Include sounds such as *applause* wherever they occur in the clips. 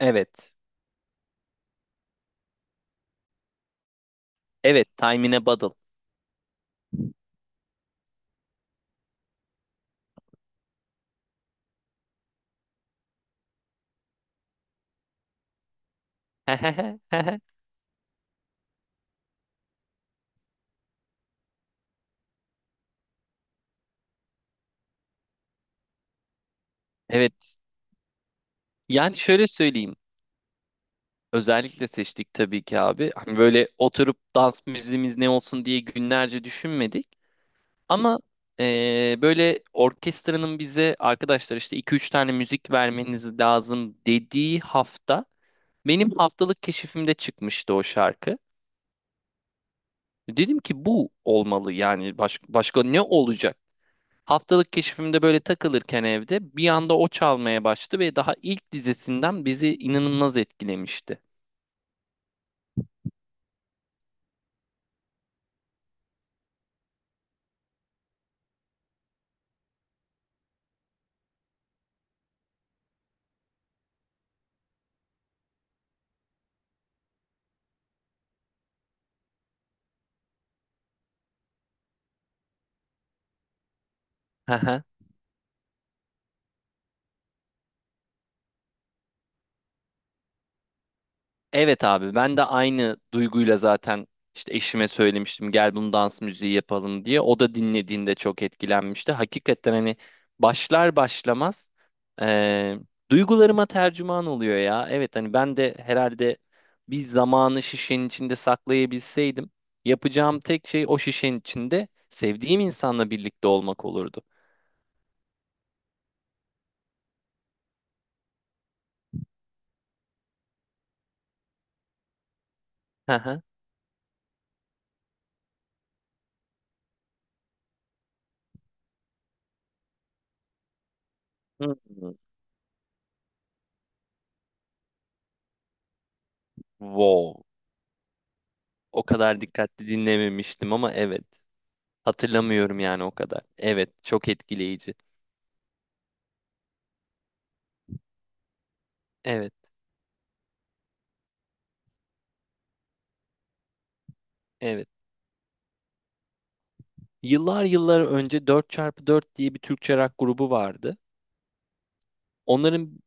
Evet. Evet. Time in a Bottle. *laughs* Evet. Yani şöyle söyleyeyim. Özellikle seçtik tabii ki abi. Hani böyle oturup dans müziğimiz ne olsun diye günlerce düşünmedik. Ama böyle orkestranın bize arkadaşlar işte iki üç tane müzik vermeniz lazım dediği hafta benim haftalık keşifimde çıkmıştı o şarkı. Dedim ki bu olmalı, yani başka ne olacak? Haftalık keşfimde böyle takılırken evde bir anda o çalmaya başladı ve daha ilk dizesinden bizi inanılmaz etkilemişti. *laughs* Evet abi, ben de aynı duyguyla zaten işte eşime söylemiştim, gel bunu dans müziği yapalım diye. O da dinlediğinde çok etkilenmişti. Hakikaten hani başlar başlamaz eee, duygularıma tercüman oluyor ya. Evet, hani ben de herhalde bir zamanı şişenin içinde saklayabilseydim, yapacağım tek şey o şişenin içinde sevdiğim insanla birlikte olmak olurdu. Hı hı. Hmm. Wow. O kadar dikkatli dinlememiştim ama evet. Hatırlamıyorum yani o kadar. Evet, çok etkileyici. Evet, evet. Yıllar yıllar önce dört çarpı dört diye bir Türkçe rock grubu vardı. Onların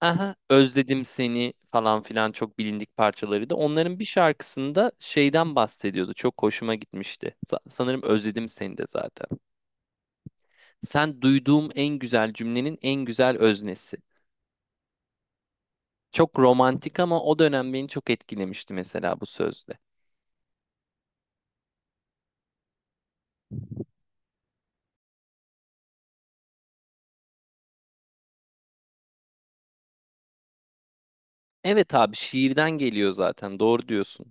"aha özledim seni" falan filan çok bilindik parçalarıydı. Onların bir şarkısında şeyden bahsediyordu, çok hoşuma gitmişti. Sanırım "özledim seni" de zaten. Sen duyduğum en güzel cümlenin en güzel öznesi. Çok romantik ama o dönem beni çok etkilemişti mesela, bu sözde. Evet abi, şiirden geliyor zaten, doğru diyorsun.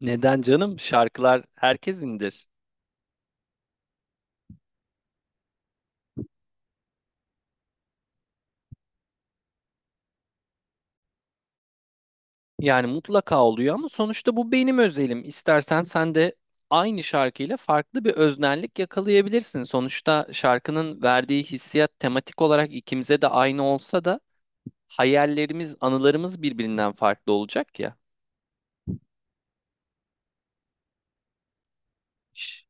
Neden canım? Şarkılar herkes indir? Yani mutlaka oluyor ama sonuçta bu benim özelim. İstersen sen de aynı şarkıyla farklı bir öznellik yakalayabilirsin. Sonuçta şarkının verdiği hissiyat tematik olarak ikimize de aynı olsa da hayallerimiz, anılarımız birbirinden farklı olacak ya. Şş,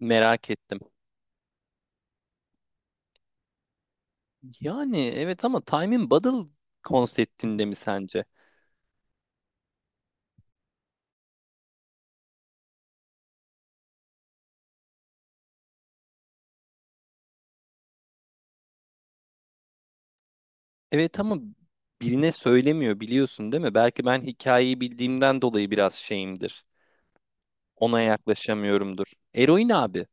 merak ettim. Yani evet, ama Time in Bottle konseptinde mi sence? Evet ama birine söylemiyor, biliyorsun değil mi? Belki ben hikayeyi bildiğimden dolayı biraz şeyimdir, ona yaklaşamıyorumdur. Eroin abi.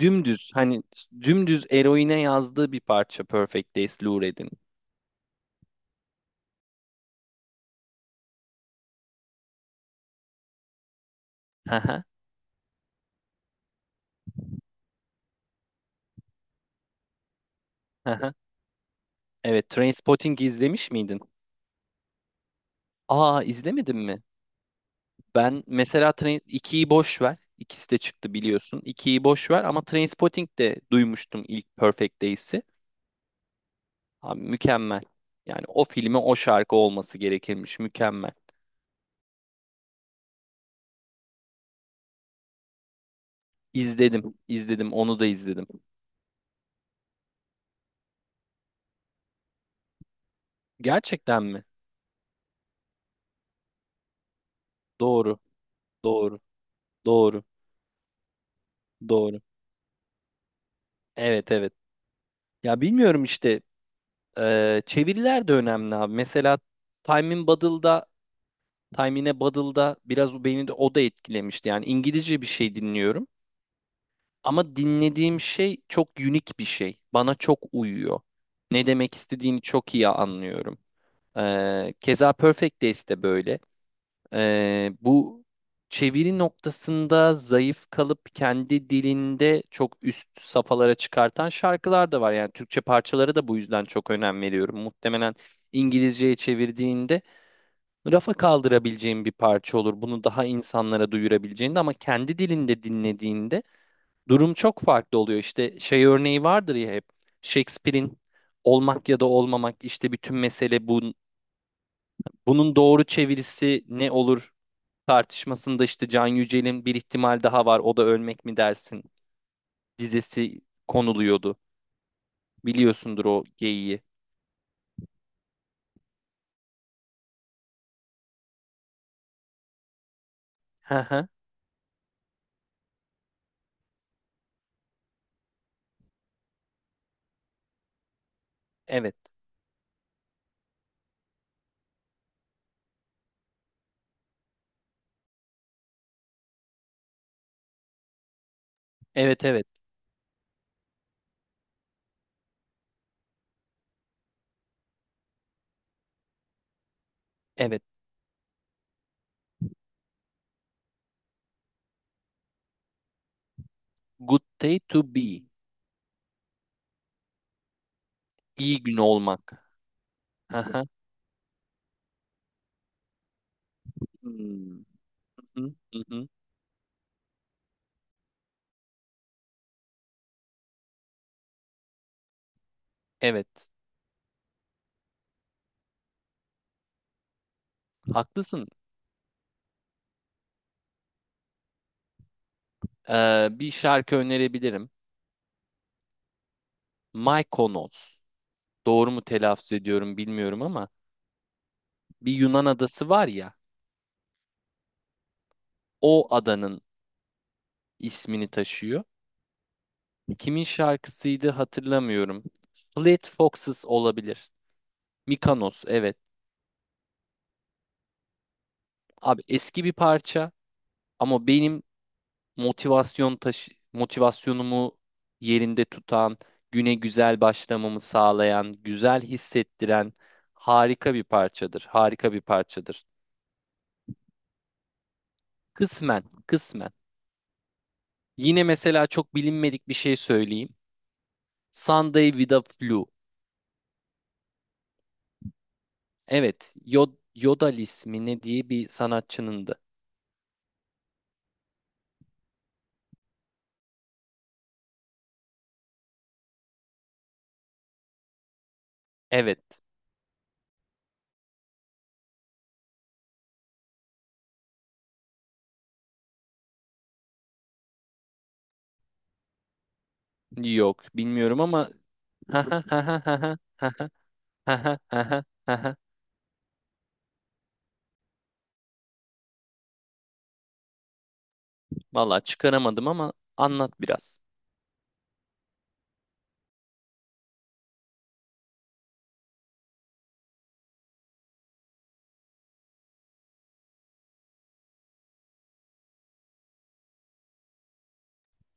Dümdüz, hani dümdüz eroine yazdığı bir parça Perfect Days, Lou Reed'in. Haha, haha. Evet, Trainspotting izlemiş miydin? Aa, izlemedin mi? Ben mesela Train ikiyi boş ver. İkisi de çıktı, biliyorsun. 2'yi boş ver ama Trainspotting de duymuştum ilk Perfect Days'i. Abi mükemmel. Yani o filme o şarkı olması gerekirmiş. Mükemmel. İzledim, izledim, onu da izledim. Gerçekten mi? Doğru, doğru, doğru, doğru. Evet evet. Ya bilmiyorum işte, çeviriler de önemli abi. Mesela Time in Bottle'da, Time in a Bottle'da biraz o beni de, o da etkilemişti. Yani İngilizce bir şey dinliyorum ama dinlediğim şey çok unik bir şey. Bana çok uyuyor. Ne demek istediğini çok iyi anlıyorum. Keza Perfect Days de böyle. Bu çeviri noktasında zayıf kalıp kendi dilinde çok üst safhalara çıkartan şarkılar da var. Yani Türkçe parçalara da bu yüzden çok önem veriyorum. Muhtemelen İngilizceye çevirdiğinde rafa kaldırabileceğin bir parça olur. Bunu daha insanlara duyurabileceğinde, ama kendi dilinde dinlediğinde durum çok farklı oluyor. İşte şey örneği vardır ya hep, Shakespeare'in "olmak ya da olmamak, işte bütün mesele bu". Bunun doğru çevirisi ne olur tartışmasında işte Can Yücel'in "bir ihtimal daha var, o da ölmek mi dersin" dizesi konuluyordu. Biliyorsundur o geyiği. Hı hı. Evet. Evet evet. Evet. Good day to be. İyi gün olmak. Hı hı. Hmm. Hı hı, hı, hı. Evet. Haklısın. Bir şarkı önerebilirim. Mykonos. Doğru mu telaffuz ediyorum bilmiyorum ama bir Yunan adası var ya, o adanın ismini taşıyor. Kimin şarkısıydı hatırlamıyorum. Fleet Foxes olabilir. Mykonos, evet. Abi eski bir parça ama benim motivasyon taşı motivasyonumu yerinde tutan, güne güzel başlamamı sağlayan, güzel hissettiren harika bir parçadır. Harika bir parçadır. Kısmen, kısmen. Yine mesela çok bilinmedik bir şey söyleyeyim. Sunday with a Flu. Evet, Yodel ismi ne diye bir sanatçınındı. Evet. Yok bilmiyorum ama *laughs* valla çıkaramadım ama anlat biraz.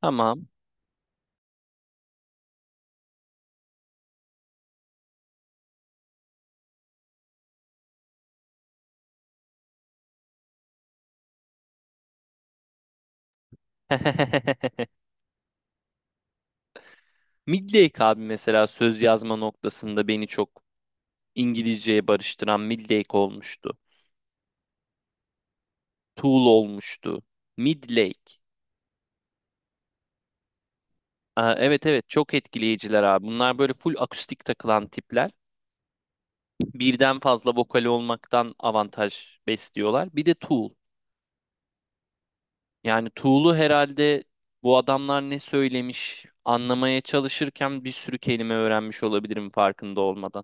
Tamam. *laughs* Midlake abi, mesela söz yazma noktasında beni çok İngilizceye barıştıran Midlake olmuştu. Tool olmuştu. Midlake. Aa, evet evet, çok etkileyiciler abi. Bunlar böyle full akustik takılan tipler. Birden fazla vokali olmaktan avantaj besliyorlar. Bir de Tool. Yani Tuğlu herhalde, bu adamlar ne söylemiş anlamaya çalışırken bir sürü kelime öğrenmiş olabilirim farkında olmadan.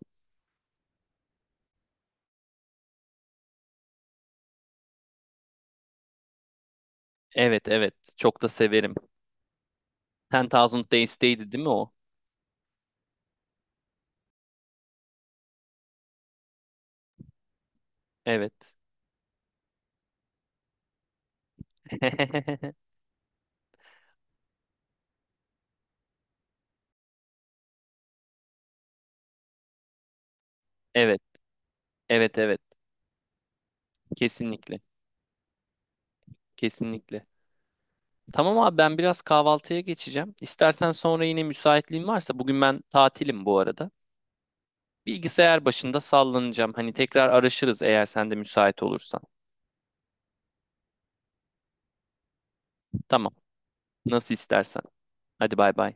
Evet evet, çok da severim. Ten Thousand Days'teydi değil mi o? Evet. *laughs* Evet evet evet, kesinlikle kesinlikle. Tamam abi, ben biraz kahvaltıya geçeceğim. İstersen sonra yine, müsaitliğin varsa, bugün ben tatilim bu arada. Bilgisayar başında sallanacağım. Hani tekrar araşırız eğer sen de müsait olursan. Tamam, nasıl istersen. Hadi bay bay.